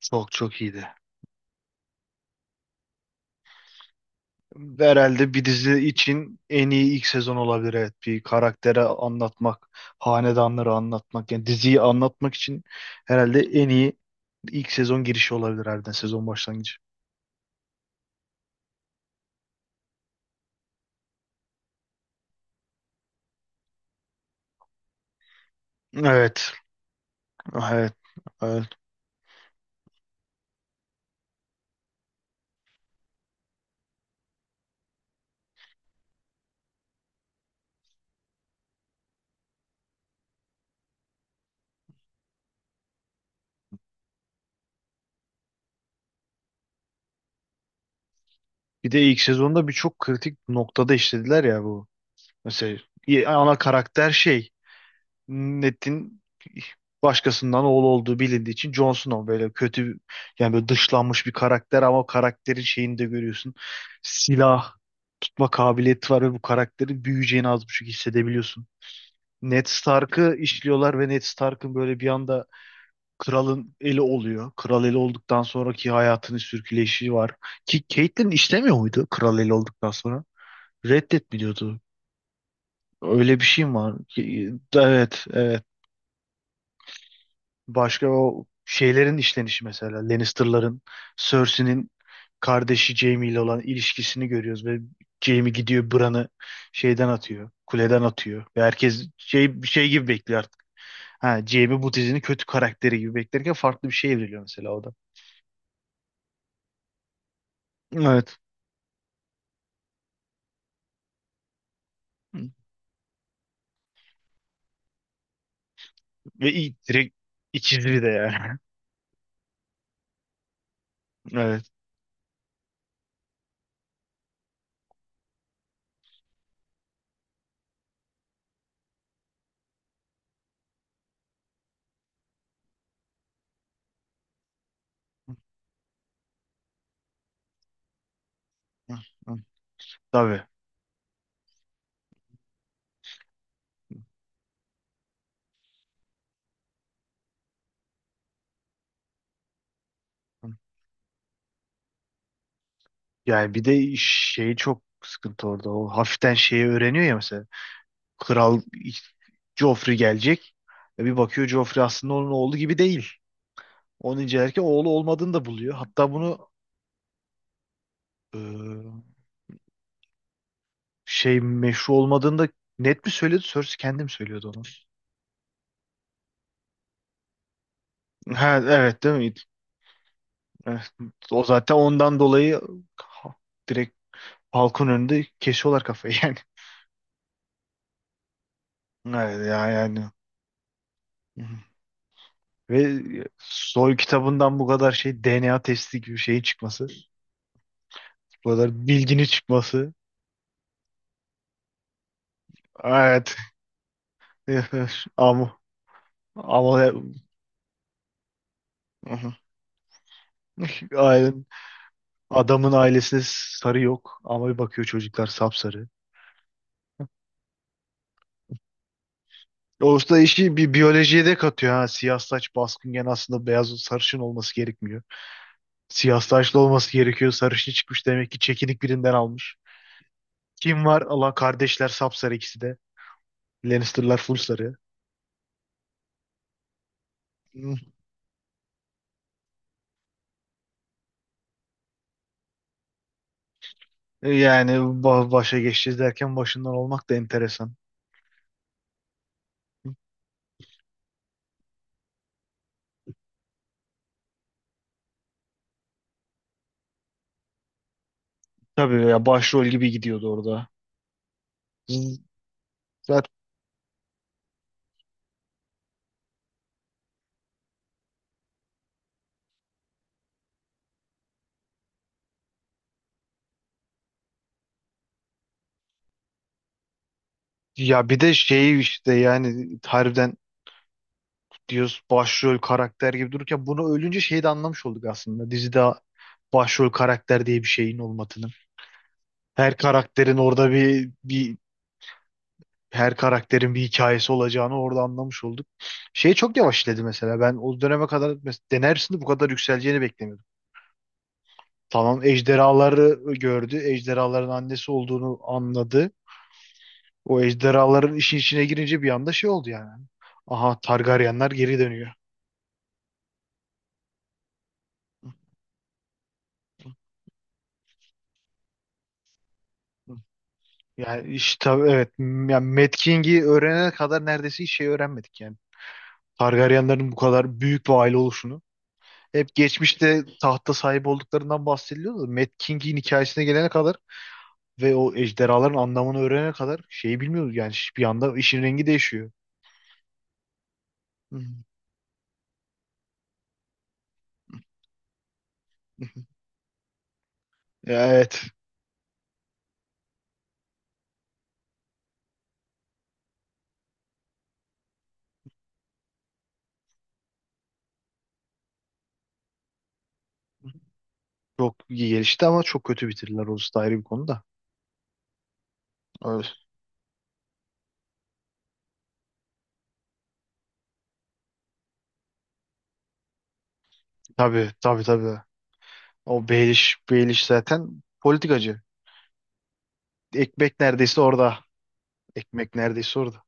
Çok iyiydi. Herhalde bir dizi için en iyi ilk sezon olabilir. Evet, bir karaktere anlatmak, hanedanları anlatmak, yani diziyi anlatmak için herhalde en iyi ilk sezon girişi olabilir harbiden sezon başlangıcı. Evet, evet, evet. Bir de ilk sezonda birçok kritik noktada işlediler ya bu. Mesela ana karakter şey Net'in başkasından oğlu olduğu bilindiği için Jon Snow böyle kötü yani böyle dışlanmış bir karakter ama o karakterin şeyini de görüyorsun. Silah tutma kabiliyeti var ve bu karakterin büyüyeceğini az buçuk hissedebiliyorsun. Ned Stark'ı işliyorlar ve Ned Stark'ın böyle bir anda kralın eli oluyor. Kral eli olduktan sonraki hayatının sürküleyişi var. Ki Catelyn işlemiyor muydu kral eli olduktan sonra? Reddetmiyordu. Öyle bir şey mi var? Evet. Başka o şeylerin işlenişi mesela Lannister'ların Cersei'nin kardeşi Jaime ile olan ilişkisini görüyoruz ve Jaime gidiyor Bran'ı şeyden atıyor, kuleden atıyor ve herkes şey bir şey gibi bekliyor artık. Ha, Jaime bu dizinin kötü karakteri gibi beklerken farklı bir şey evriliyor mesela o da. Evet. Ve iyi direkt ikizli de yani. Evet. Tabii. Yani bir de şey çok sıkıntı orada. O hafiften şeyi öğreniyor ya mesela. Kral Joffrey gelecek. E bir bakıyor Joffrey aslında onun oğlu gibi değil. Onu incelerken oğlu olmadığını da buluyor. Hatta bunu e, şey meşru olmadığını da net mi söyledi? Cersei kendim söylüyordu onu. Ha, evet değil mi? Evet. O zaten ondan dolayı ha- direkt halkın önünde kesiyorlar kafayı yani. Evet, yani. Hı hı. Ve soy kitabından bu kadar şey DNA testi gibi şeyin çıkması. Bu kadar bilginin çıkması. Evet. Ama Ama Aha. ailen, adamın ailesinde sarı yok. Ama bir bakıyor çocuklar sapsarı. O usta işi bir biyolojiye de katıyor ha. Siyah saç baskınken aslında beyaz sarışın olması gerekmiyor. Siyah saçlı olması gerekiyor. Sarışın çıkmış demek ki çekinik birinden almış. Kim var? Allah kardeşler sapsarı ikisi de. Lannister'lar full sarı. Hı. Yani başa geçeceğiz derken başından olmak da enteresan. Tabii ya başrol gibi gidiyordu orada. Z- Zaten ya bir de şey işte yani harbiden diyoruz başrol karakter gibi dururken bunu ölünce şeyi de anlamış olduk aslında. Dizide başrol karakter diye bir şeyin olmadığını. Her karakterin orada bir her karakterin bir hikayesi olacağını orada anlamış olduk. Şey çok yavaş işledi mesela. Ben o döneme kadar denersinde bu kadar yükseleceğini beklemiyordum. Tamam ejderhaları gördü. Ejderhaların annesi olduğunu anladı. O ejderhaların işin içine girince bir anda şey oldu yani. Aha Targaryenler geri dönüyor. Yani işte evet yani Mad King'i öğrenene kadar neredeyse hiç şey öğrenmedik yani. Targaryenlerin bu kadar büyük bir aile oluşunu. Hep geçmişte tahta sahip olduklarından bahsediliyordu da Mad King'in hikayesine gelene kadar ve o ejderhaların anlamını öğrenene kadar şeyi bilmiyoruz yani bir anda işin rengi değişiyor. Hı hı. Ya evet. Çok iyi gelişti ama çok kötü bitirdiler. Orası da ayrı bir konu da. Evet. Tabii. O Baelish zaten politikacı. Ekmek neredeyse orada. Ekmek neredeyse orada.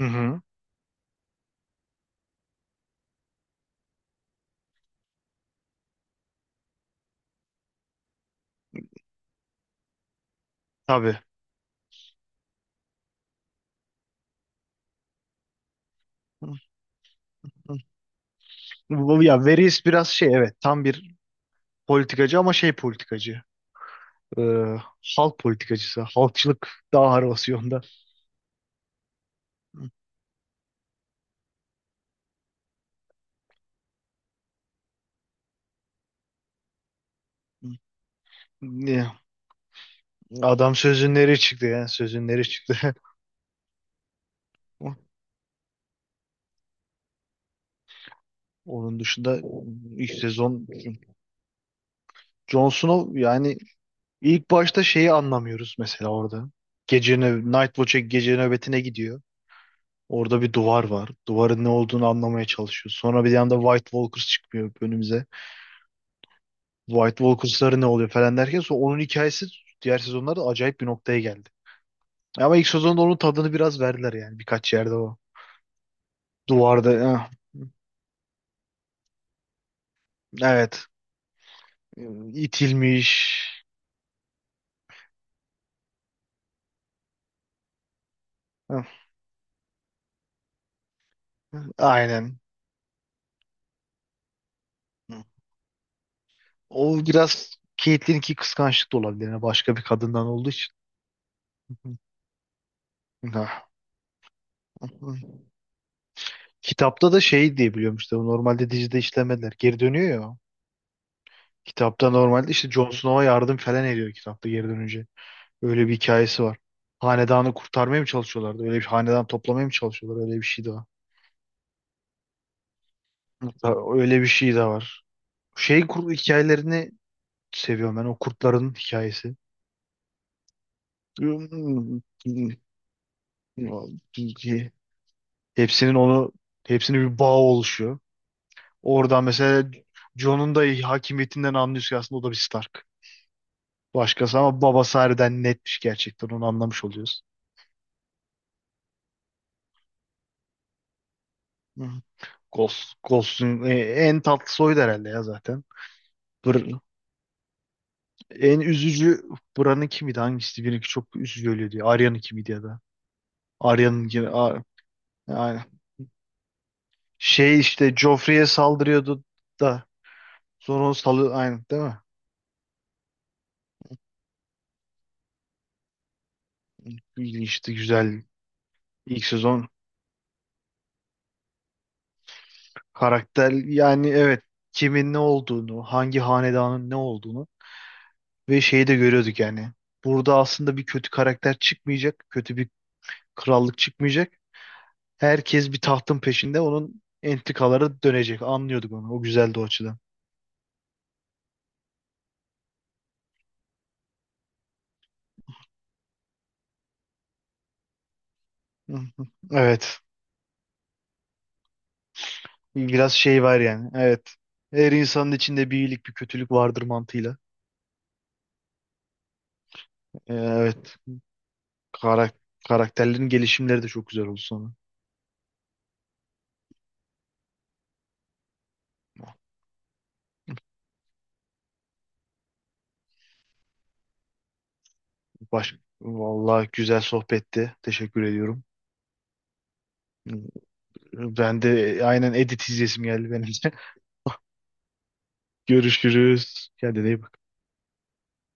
Hı hı. Tabii. Hı hı. Bu, ya Veris biraz şey evet tam bir politikacı ama şey politikacı. Ee, halk politikacısı. Halkçılık daha ağır basıyor. Hı hı. Ne? Adam sözünleri çıktı yani sözünleri çıktı. Onun dışında ilk sezon Jon Snow yani ilk başta şeyi anlamıyoruz mesela orada. Gece Night Watch'e gece nöbetine gidiyor. Orada bir duvar var. Duvarın ne olduğunu anlamaya çalışıyor. Sonra bir yanda White Walkers çıkmıyor önümüze. White Walkers'ları ne oluyor falan derken sonra onun hikayesi diğer sezonlarda acayip bir noktaya geldi. Ama ilk sezonda onun tadını biraz verdiler yani birkaç yerde o. Duvarda evet itilmiş. Ah, Aynen. O biraz Caitlyn'inki kıskançlık da olabilir. Yani başka bir kadından olduğu için. Ah. Kitapta da şey diye biliyorum işte normalde dizide işlemediler. Geri dönüyor ya. O. Kitapta normalde işte Jon Snow'a yardım falan ediyor kitapta geri dönünce. Öyle bir hikayesi var. Hanedanı kurtarmaya mı çalışıyorlardı? Öyle bir hanedan toplamaya mı çalışıyorlar? Öyle bir şey de var. Hatta öyle bir şey de var. Şey kur hikayelerini seviyorum ben. O kurtların hikayesi. Hepsinin hepsinin bir bağı oluşuyor. Oradan mesela Jon'un da hakimiyetinden anlıyorsun ki aslında o da bir Stark. Başkası ama babası harbiden netmiş gerçekten onu anlamış oluyoruz. Hı. Ghost'un en tatlı soyu da herhalde ya zaten. En üzücü buranın kimiydi? Hangisi? Birinki çok üzücü öyle diyor. Arya'nın kimiydi ya da? Arya'nın gibi. Aynen. Şey işte Joffrey'e saldırıyordu da sonra onu salı aynen değil mi? İlginçti, güzel. İlk sezon karakter yani evet kimin ne olduğunu, hangi hanedanın ne olduğunu ve şeyi de görüyorduk yani. Burada aslında bir kötü karakter çıkmayacak, kötü bir krallık çıkmayacak. Herkes bir tahtın peşinde onun entrikaları dönecek. Anlıyorduk onu. O güzeldi o açıdan. Hı hı. Evet. Biraz şey var yani. Evet. Her insanın içinde bir iyilik bir kötülük vardır mantığıyla. Evet. Karak karakterlerin gelişimleri de çok güzel oldu sonra. Baş Vallahi güzel sohbetti. Teşekkür ediyorum. Ben de aynen edit izlesim geldi benim de. Görüşürüz. Kendine iyi bak.